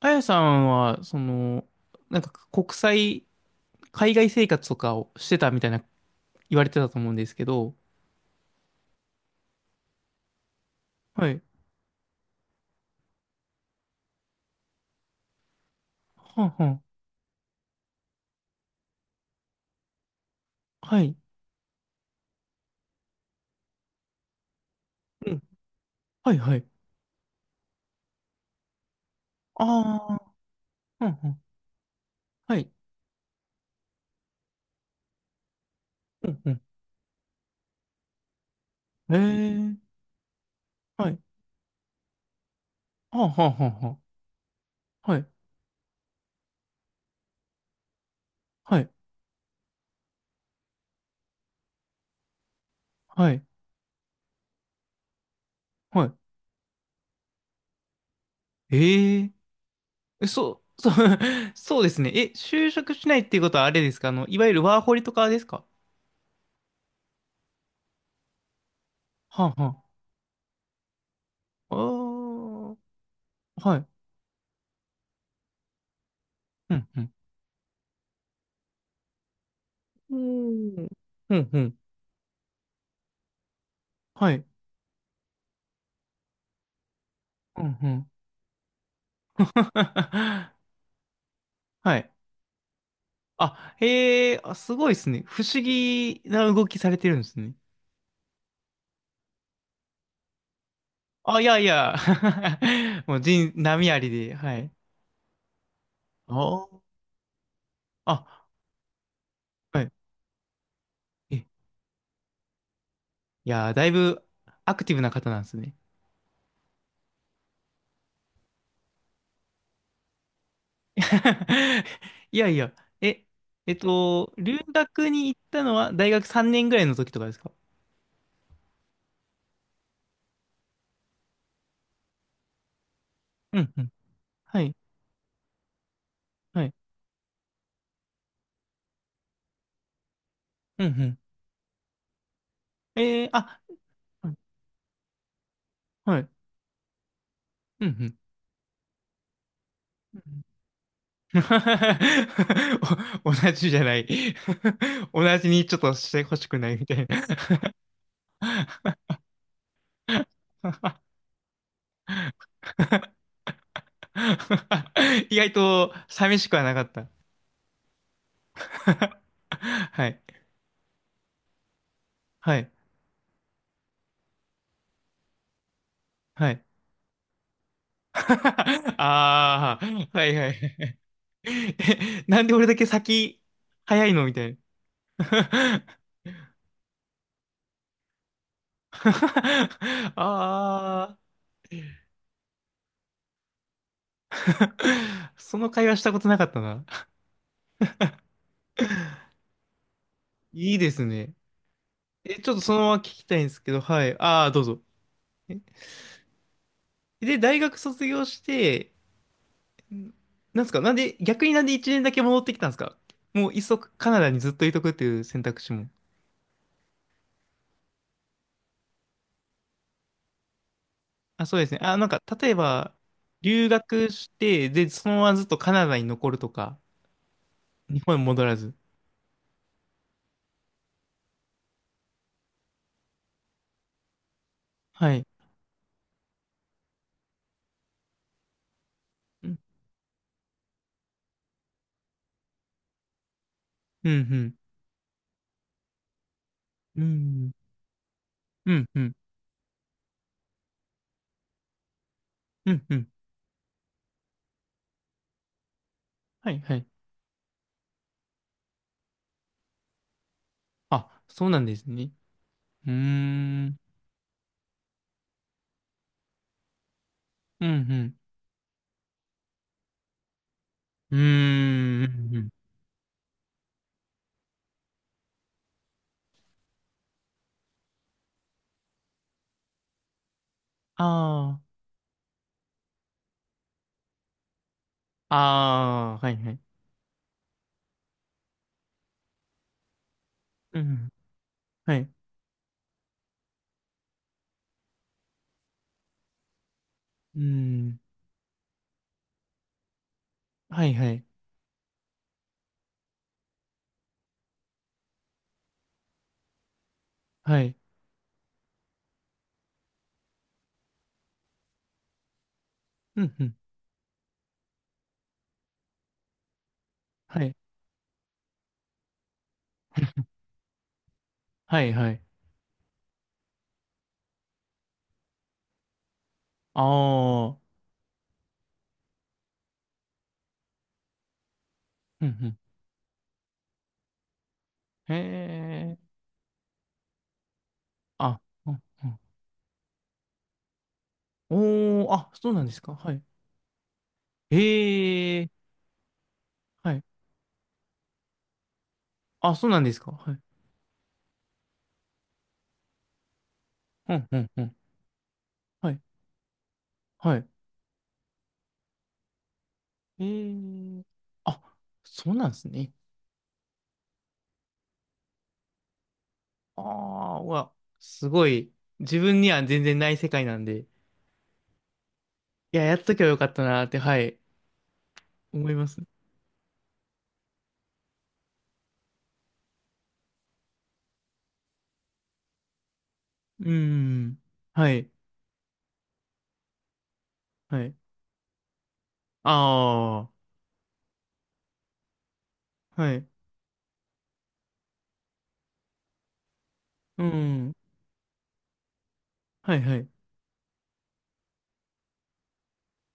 あやさんは、その、なんか国際、海外生活とかをしてたみたいな言われてたと思うんですけど、はい。はんはん。はい。うん。はい、はい。ああ、はんはん。はい。うん、うん。ええ、はい。はんはんはんはん。はい。はい。はい。はい。ええ、えそうですね。え、就職しないっていうことはあれですか、あの、いわゆるワーホリとかですか？はんはん。ああ、はい。うん、うん。うーん。うん、うん。はい。うんうん。はい。あ、へえ、あ、すごいですね。不思議な動きされてるんですね。あ、いやいや。もう人、波ありで、はい。あーあ、はい。え、いやー、だいぶアクティブな方なんですね。いやいや。え、えっと、留学に行ったのは大学3年ぐらいの時とかですか？うんうん。はい。はい。うんうん。えー、あ、うんはい。うんうん。お同じじゃない。 同じにちょっとしてほしくないみたいな。 意外と寂しくはなかった。 はい。はい。はい。ああ、はいはいはい。え、なんで俺だけ先早いのみたいな。ああ、その会話したことなかったな。いいですね。え、ちょっとそのまま聞きたいんですけど、はい。ああ、どうぞ。で、大学卒業して、ん、なんですか、なんで、逆になんで1年だけ戻ってきたんですか？もう、いっそカナダにずっといとくっていう選択肢も。あ、そうですね。あ、なんか、例えば、留学して、で、そのままずっとカナダに残るとか、日本に戻らず。はい。うん、うん、うん、うん、うん、うん、うん。はい、はい。あ、そうなんですね。うーん、うん、うん、うーん、うん。ああー、ああ、はい、はい。うん、はい。うん、はい、はい。はい。うん、うん。はい。はい、はい。ああ。うん、うん。へえ。あ、うん、うん。おー、あ、そうなんですか。はい。へえ。はい。あ、そうなんですか。はい。うん、うん、うん。はい。はい。へえ。あ、そうなんですね。ああ、うわ、すごい。自分には全然ない世界なんで。いや、やっとけばよかったなーって、はい。思います。うーん。はい。はい。ああ。はい。うーん。はい、はい。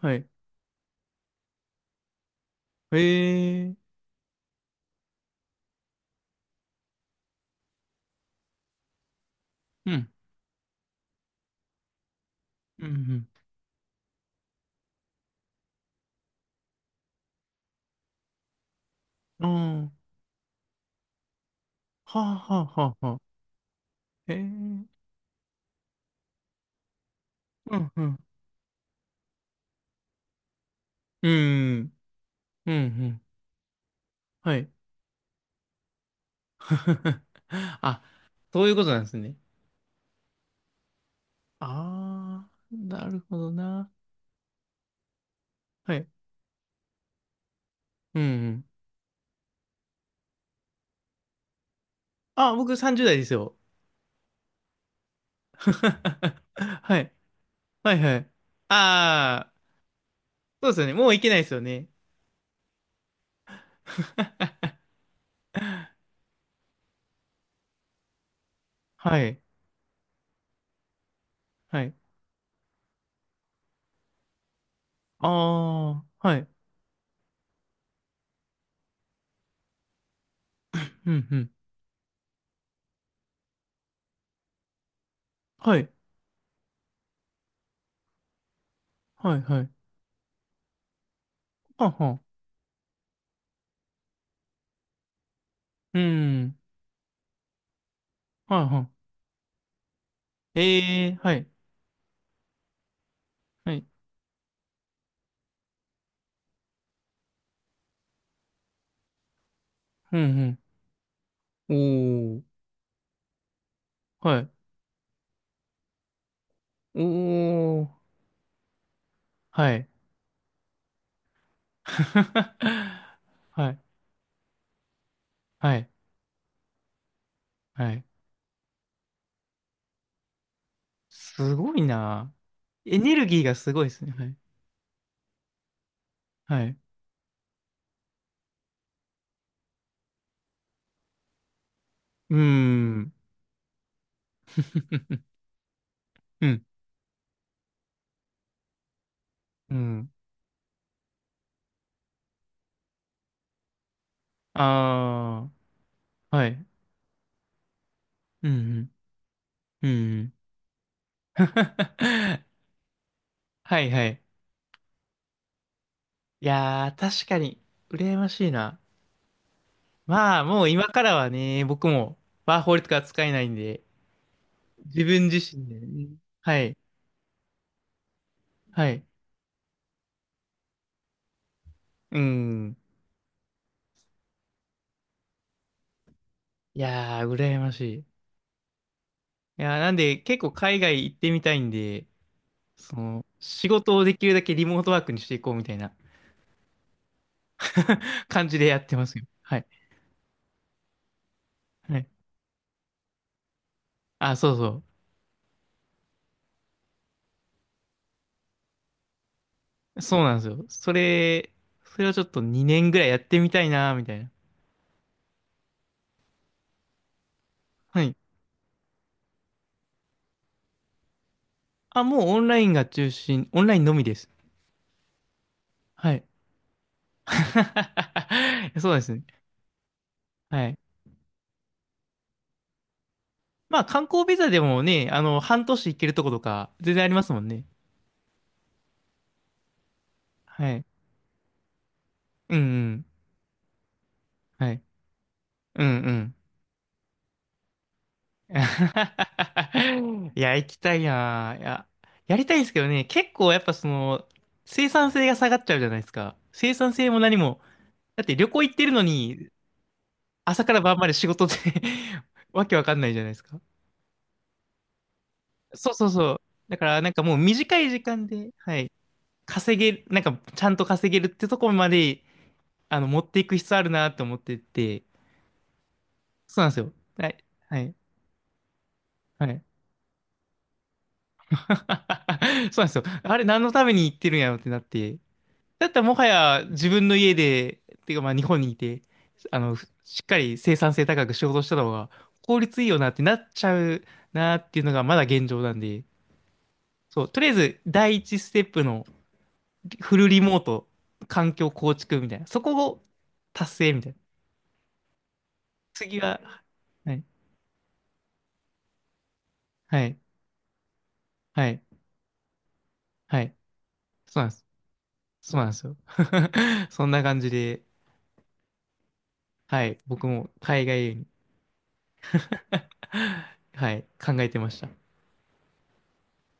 はい。へえ、うん、うん、うん、ああ、はあ、はあ、はあ、はあ、へえ、うん、うん、うん、うん、うん、はい。あ、そういうことなんですね。ああ、なるほどな。はい。うん、うん。あ、僕30代ですよ。はい。はい、はい。ああ、そうですよね。もういけないですよね。はい、はい。ああ、はい。うん、うん。はい、はい、はい。はあ、はあ。うん、はい、はい。ええ、はい、はい。うん、うん。おー、はい。おー、はい。はい、はい、はい。すごいな。エネルギーがすごいですね。はい、はい。うーん。うん、うん。ああ、はい。うん、うん、うんうん。はい、はい。いやー、確かに、羨ましいな。まあ、もう今からはね、僕もワーホリとか使えないんで、自分自身でね。はい。はい。うん。いやー、羨ましい。いやー、なんで、結構海外行ってみたいんで、その、仕事をできるだけリモートワークにしていこうみたいな。 感じでやってますよ。はい。はい。あ、そうそう。そうなんですよ。それ、それをちょっと2年ぐらいやってみたいなーみたいな。はい。あ、もうオンラインが中心、オンラインのみです。はい。そうですね。はい。まあ観光ビザでもね、あの、半年行けるとことか、全然ありますもんね。はい。うんうん。はい。うんうん。いや、行きたいなぁ。いや、やりたいんですけどね、結構やっぱその、生産性が下がっちゃうじゃないですか。生産性も何も。だって旅行行ってるのに、朝から晩まで仕事で、 わけわかんないじゃないですか。そうそうそう。だからなんかもう短い時間で、はい。稼げる、なんかちゃんと稼げるってとこまであの、持っていく必要あるなと思ってて、そうなんですよ。はい、はい、はい。そうなんですよ。あれ、何のために行ってるんやろってなって。だったらもはや自分の家で、っていうかまあ日本にいて、あの、ふしっかり生産性高く仕事した方が効率いいよなってなっちゃうなっていうのがまだ現状なんで、そう、とりあえず第一ステップのフルリモート、環境構築みたいな、そこを達成みたいな。次は、はい、はい、はい、はい。そうなんです。そうなんですよ。そんな感じで、はい、僕も海外に。 はい、考えてました。